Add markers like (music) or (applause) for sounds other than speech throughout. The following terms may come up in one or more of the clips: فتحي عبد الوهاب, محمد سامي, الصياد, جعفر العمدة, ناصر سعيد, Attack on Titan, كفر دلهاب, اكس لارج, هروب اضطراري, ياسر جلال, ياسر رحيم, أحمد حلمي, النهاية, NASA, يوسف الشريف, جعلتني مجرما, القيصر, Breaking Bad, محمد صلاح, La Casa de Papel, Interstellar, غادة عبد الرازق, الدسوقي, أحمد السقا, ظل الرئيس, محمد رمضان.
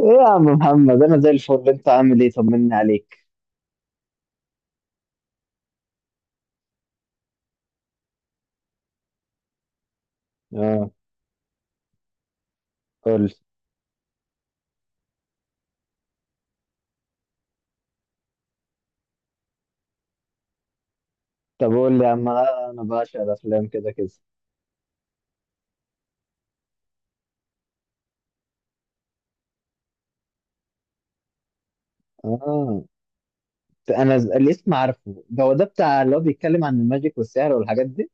ايه يا عم محمد، انا زي الفل. انت عامل ايه؟ طمني عليك. اه. قول. طب قول لي يا عم، انا بعشق الافلام كده كده. اه، انا الاسم عارفه. ده هو ده بتاع اللي هو بيتكلم عن الماجيك والسحر والحاجات دي.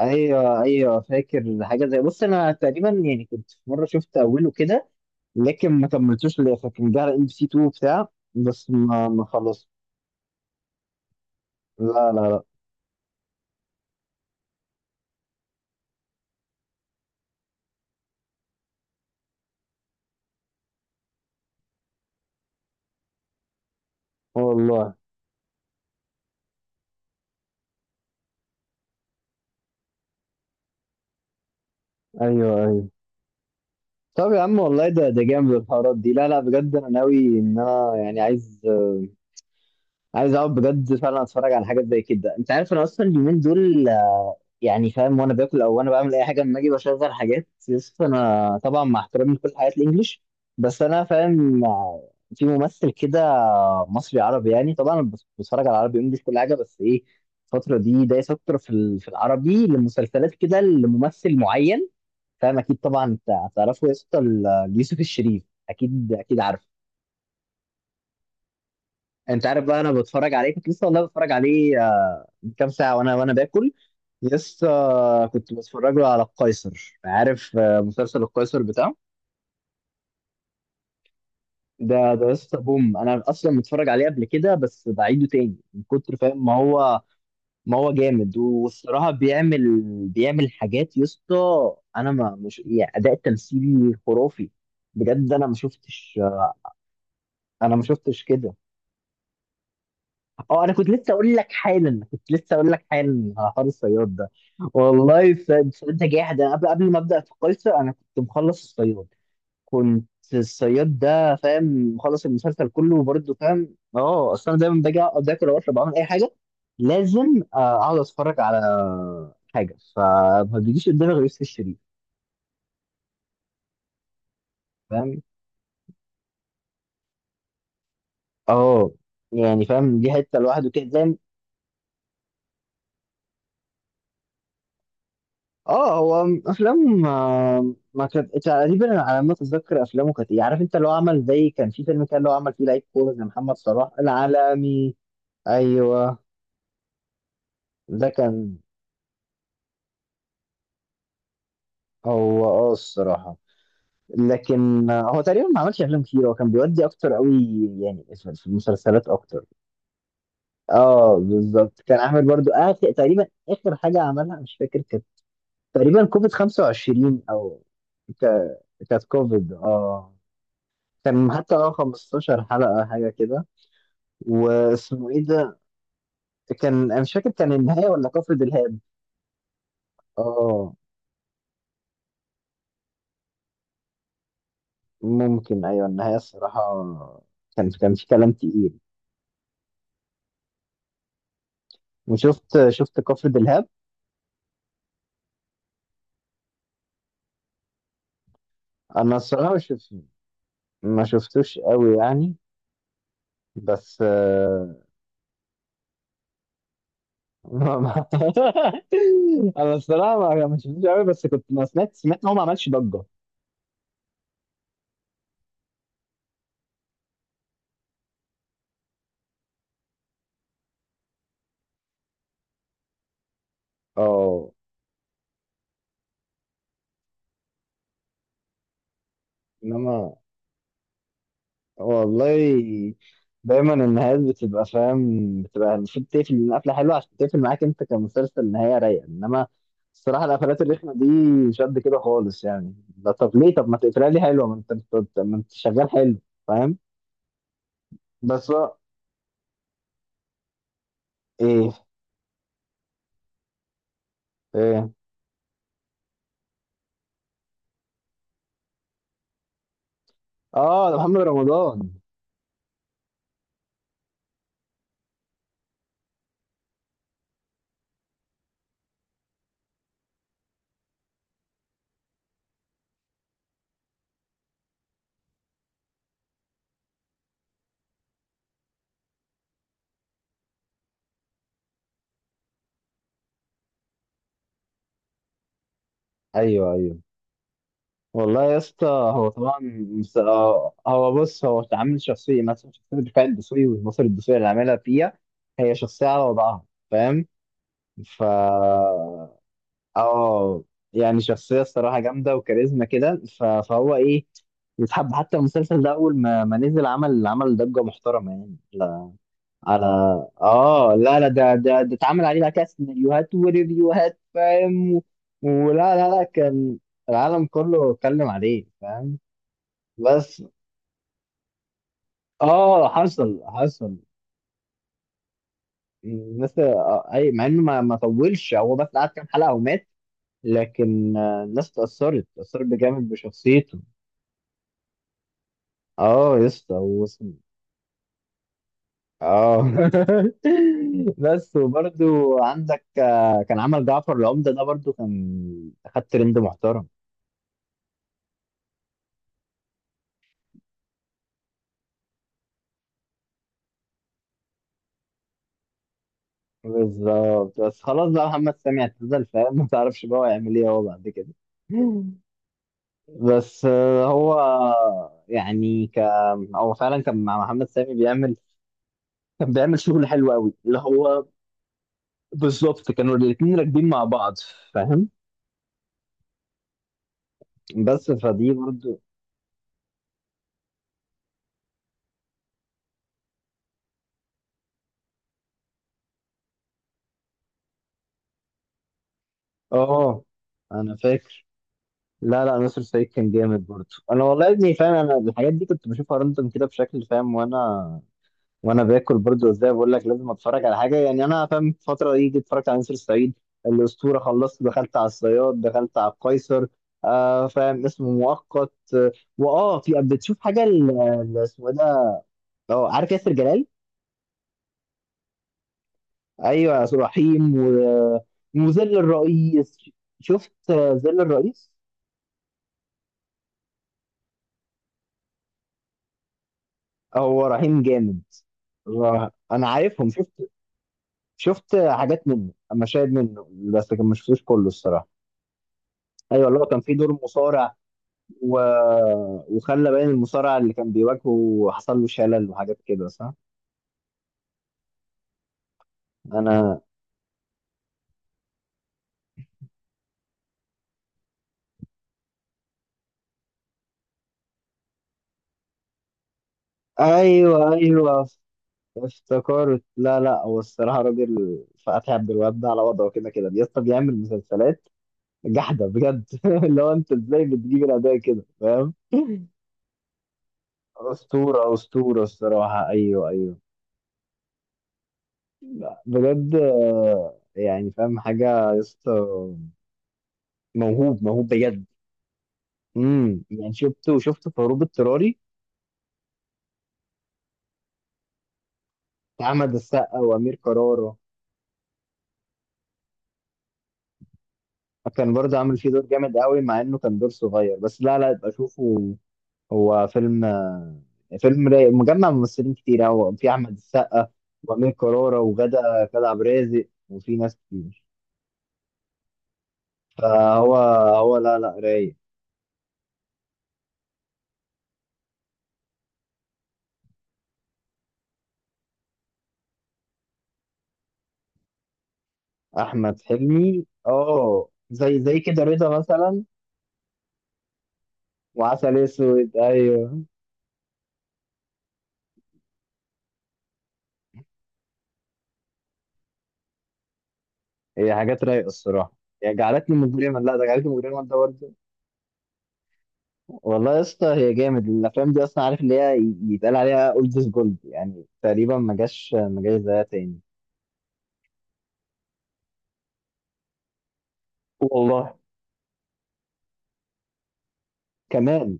ايوه ايوه، فاكر حاجه. زي بص انا تقريبا يعني كنت في مره شفت اوله كده، لكن ما كملتوش للاخر. كان جه على ام بي سي 2 بتاع، بس ما خلص. لا لا لا. والله. ايوه ايوه. طب يا عم، والله ده جامد، الحوارات دي. لا لا، بجد انا ناوي ان انا يعني عايز اقعد بجد فعلا اتفرج على حاجات زي كده. انت عارف انا اصلا اليومين دول، يعني فاهم، وانا باكل او وانا بعمل اي حاجه لما اجي بشغل حاجات. يس، انا طبعا مع احترامي لكل حاجات الانجليش، بس انا فاهم، في ممثل كده مصري عربي، يعني طبعا أنا بتفرج على عربي انجليش كل حاجه. بس ايه، الفتره دي دايس اكتر في العربي، لمسلسلات كده لممثل معين. فاهم، اكيد طبعا انت هتعرفه يا اسطى، يوسف الشريف. اكيد اكيد عارفه. انت عارف بقى، انا بتفرج عليه. كنت لسه والله بتفرج عليه من كام ساعه، وانا باكل. لسه كنت بتفرج له على القيصر. عارف مسلسل القيصر بتاعه. ده لسه بوم، انا اصلا متفرج عليه قبل كده، بس بعيده تاني من كتر فاهم. ما هو جامد، والصراحه بيعمل حاجات يا اسطى. انا ما مش يعني اداء تمثيلي خرافي، بجد. انا ما شفتش. انا ما شفتش كده. اه، انا كنت لسه اقول لك حالا، على حوار الصياد ده. والله فانت جاحد. انا قبل ما ابدا في قيصر انا كنت مخلص الصياد. كنت. الصياد ده فاهم. مخلص المسلسل كله وبرده فاهم. اه، اصل انا دايما باجي اقعد اكل او اشرب أو اعمل اي حاجه، لازم اقعد اتفرج على حاجه. فما بيجيش قدامي غير يوسف الشريف. فاهم. اه. يعني فاهم دي حته لوحده كده زي. اه، هو افلام ما كانت تقريبا، على ما اتذكر. افلامه كانت ايه، عارف انت اللي هو عمل، زي كان في فيلم كان اللي هو عمل فيه لعيب كوره زي محمد صلاح، العالمي. ايوه. ده كان. هو اه الصراحه، لكن هو تقريبا ما عملش افلام كتير. هو كان بيودي اكتر قوي يعني في المسلسلات اكتر. اه بالظبط، كان عامل برضو آخر تقريبا اخر حاجه عملها مش فاكر. كانت تقريبا كوفيد 25 او ك- كانت كوفيد، اه. كان حتى 15 حلقة حاجة كده. واسمه ايه ده؟ كان انا مش فاكر كان النهاية ولا كفر دلهاب. اه ممكن، ايوه النهاية، الصراحة. كان في كلام تقيل. وشفت كفر دلهاب. انا الصراحة مش شف- ما شفتوش قوي يعني، بس ما. (laughs) انا الصراحة ما شفتوش قوي، بس كنت ما سمعت ان هو ما عملش ضجة. اه. انما والله، دايما النهايات بتبقى فاهم، بتبقى المفروض تقفل من قفله حلوه عشان تقفل معاك انت كمسلسل نهايه رايقه. انما الصراحه القفلات الرخمه دي مش قد كده خالص يعني. لا طب ليه؟ طب ما تقفلها لي حلوه، ما انت شغال حلو. فاهم. بس ايه ايه؟ اه ده محمد رمضان. ايوه ايوه. والله يا اسطى، هو طبعا هو بص، هو عامل شخصيه مثلا، شخصيه دفاع الدسوقي والمصري الدسوقي اللي عاملها فيها. هي شخصيه على وضعها، فاهم. ف اه يعني شخصية الصراحة جامدة وكاريزما كده، فهو ايه، يتحب. حتى المسلسل ده اول ما نزل عمل ضجة محترمة يعني، لا. على. اه لا لا، ده اتعمل عليه بقى كده سيناريوهات وريفيوهات فاهم. ولا لا لا، كان العالم كله اتكلم عليه، فاهم. بس. اه حصل. الناس اي، مع انه ما طولش، هو بس قعد كام حلقة ومات. لكن الناس اتأثرت بجامد بشخصيته. اه يا اسطى وصل. اه (laughs) بس وبرضو عندك كان عمل جعفر العمدة ده برضو، كان خد ترند محترم. بالظبط. بس خلاص بقى، محمد سامي اعتزل فاهم (laughs) ما تعرفش بقى هو هيعمل ايه هو بعد كده. بس هو يعني هو فعلا كان مع محمد سامي بيعمل. كان بيعمل شغل حلو قوي، اللي هو، بالظبط. كانوا الاثنين راكبين مع بعض، فاهم. بس فدي برضو. اه انا فاكر. لا لا، ناصر سعيد كان جامد برضو. انا والله يا ابني فاهم، انا الحاجات دي كنت بشوفها راندوم كده بشكل فاهم. وانا باكل برضو، ازاي بقول لك، لازم اتفرج على حاجه يعني. انا فاهم، في الفتره دي جيت اتفرجت على ناصر سعيد، الاسطوره، خلصت، دخلت على الصياد، دخلت على القيصر. آه فاهم، اسمه مؤقت. واه في بتشوف حاجه اسمه ايه ده؟ اه عارف ياسر جلال. ايوه، ياسر رحيم وظل الرئيس. شفت ظل الرئيس. هو رهيم جامد. انا عارفهم، شفت. شفت حاجات منه، مشاهد منه. بس كان، ما شفتوش كله الصراحه. ايوه، اللي هو كان في دور مصارع و... وخلى باين المصارع اللي كان بيواجهه وحصل له شلل وحاجات كده، صح. انا. ايوه ايوه. افتكرت، لا لا، هو الصراحه راجل. فتحي عبد الوهاب ده على وضعه كده كده، بيسطا بيعمل مسلسلات. جحده بجد (laughs) اللي هو، انت ازاي بتجيب الاداء كده فاهم (laughs) اسطوره اسطوره الصراحه، ايوه ايوه. بجد يعني فاهم، حاجة يا اسطى، موهوب موهوب بجد. يعني شفته في هروب اضطراري، بتاع أحمد السقا وأمير كرارة. كان برضه عامل فيه دور جامد قوي، مع إنه كان دور صغير، بس لا لا يبقى شوفه. هو فيلم فيلم رايق، مجمع ممثلين كتير قوي. في أحمد السقا وأمير كرارة وغادة عبد الرازق، وفي ناس كتير. فهو، هو لا لا رايق. أحمد حلمي اه، زي كده رضا مثلا، وعسل اسود، ايوه. هي حاجات رايقه الصراحه. هي جعلتني مجرما، لا ده جعلتني مجرما ده برضه. والله يا اسطى، هي جامد الافلام دي اصلا. عارف اللي هي يتقال عليها اولد از جولد، يعني تقريبا ما جاش زيها تاني. والله. كمان.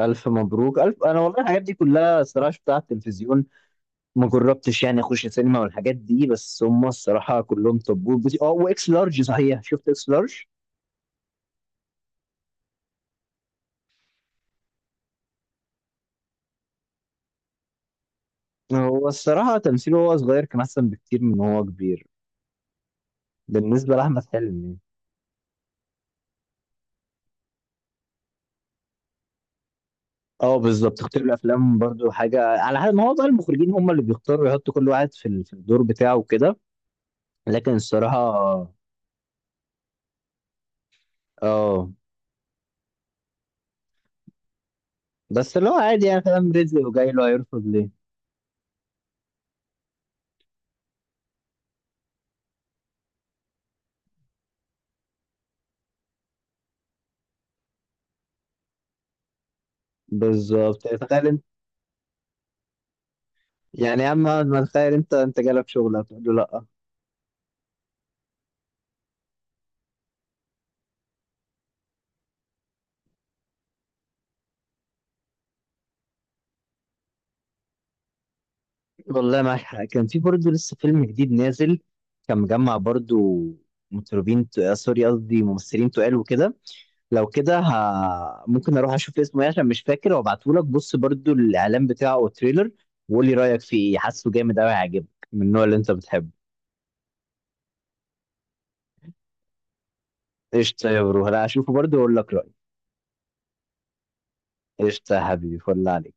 الف مبروك. الف، انا والله الحاجات دي كلها الصراحه شفتها على التلفزيون. ما جربتش يعني اخش سينما والحاجات دي، بس هم الصراحه كلهم طبول اه واكس لارج صحيح، شفت اكس لارج. هو الصراحه تمثيله وهو صغير كان احسن بكتير من هو كبير، بالنسبه لاحمد حلمي. اه بالظبط، اختيار الافلام برضو حاجه، على حد ما هو بقى، المخرجين هم اللي بيختاروا يحطوا كل واحد في الدور بتاعه وكده. لكن الصراحه، اه، بس اللي هو عادي يعني فاهم، رزق وجاي له، هيرفض ليه؟ بالظبط يعني، تخيل انت. يعني يا عم، ما تخيل انت جالك شغل هتقول له لا؟ والله معاك حق. كان في برضو لسه فيلم جديد نازل، كان مجمع برضو مطربين سوري قصدي ممثلين تقال وكده. لو كده ممكن اروح اشوف اسمه ايه عشان مش فاكر، وابعته لك. بص برضو الاعلان بتاعه او التريلر، وقول لي رايك فيه ايه. حاسه جامد قوي، هيعجبك من النوع اللي انت بتحبه. قشطه يا برو، هلا اشوفه برضو واقول لك رايي. قشطه يا حبيبي، فل عليك.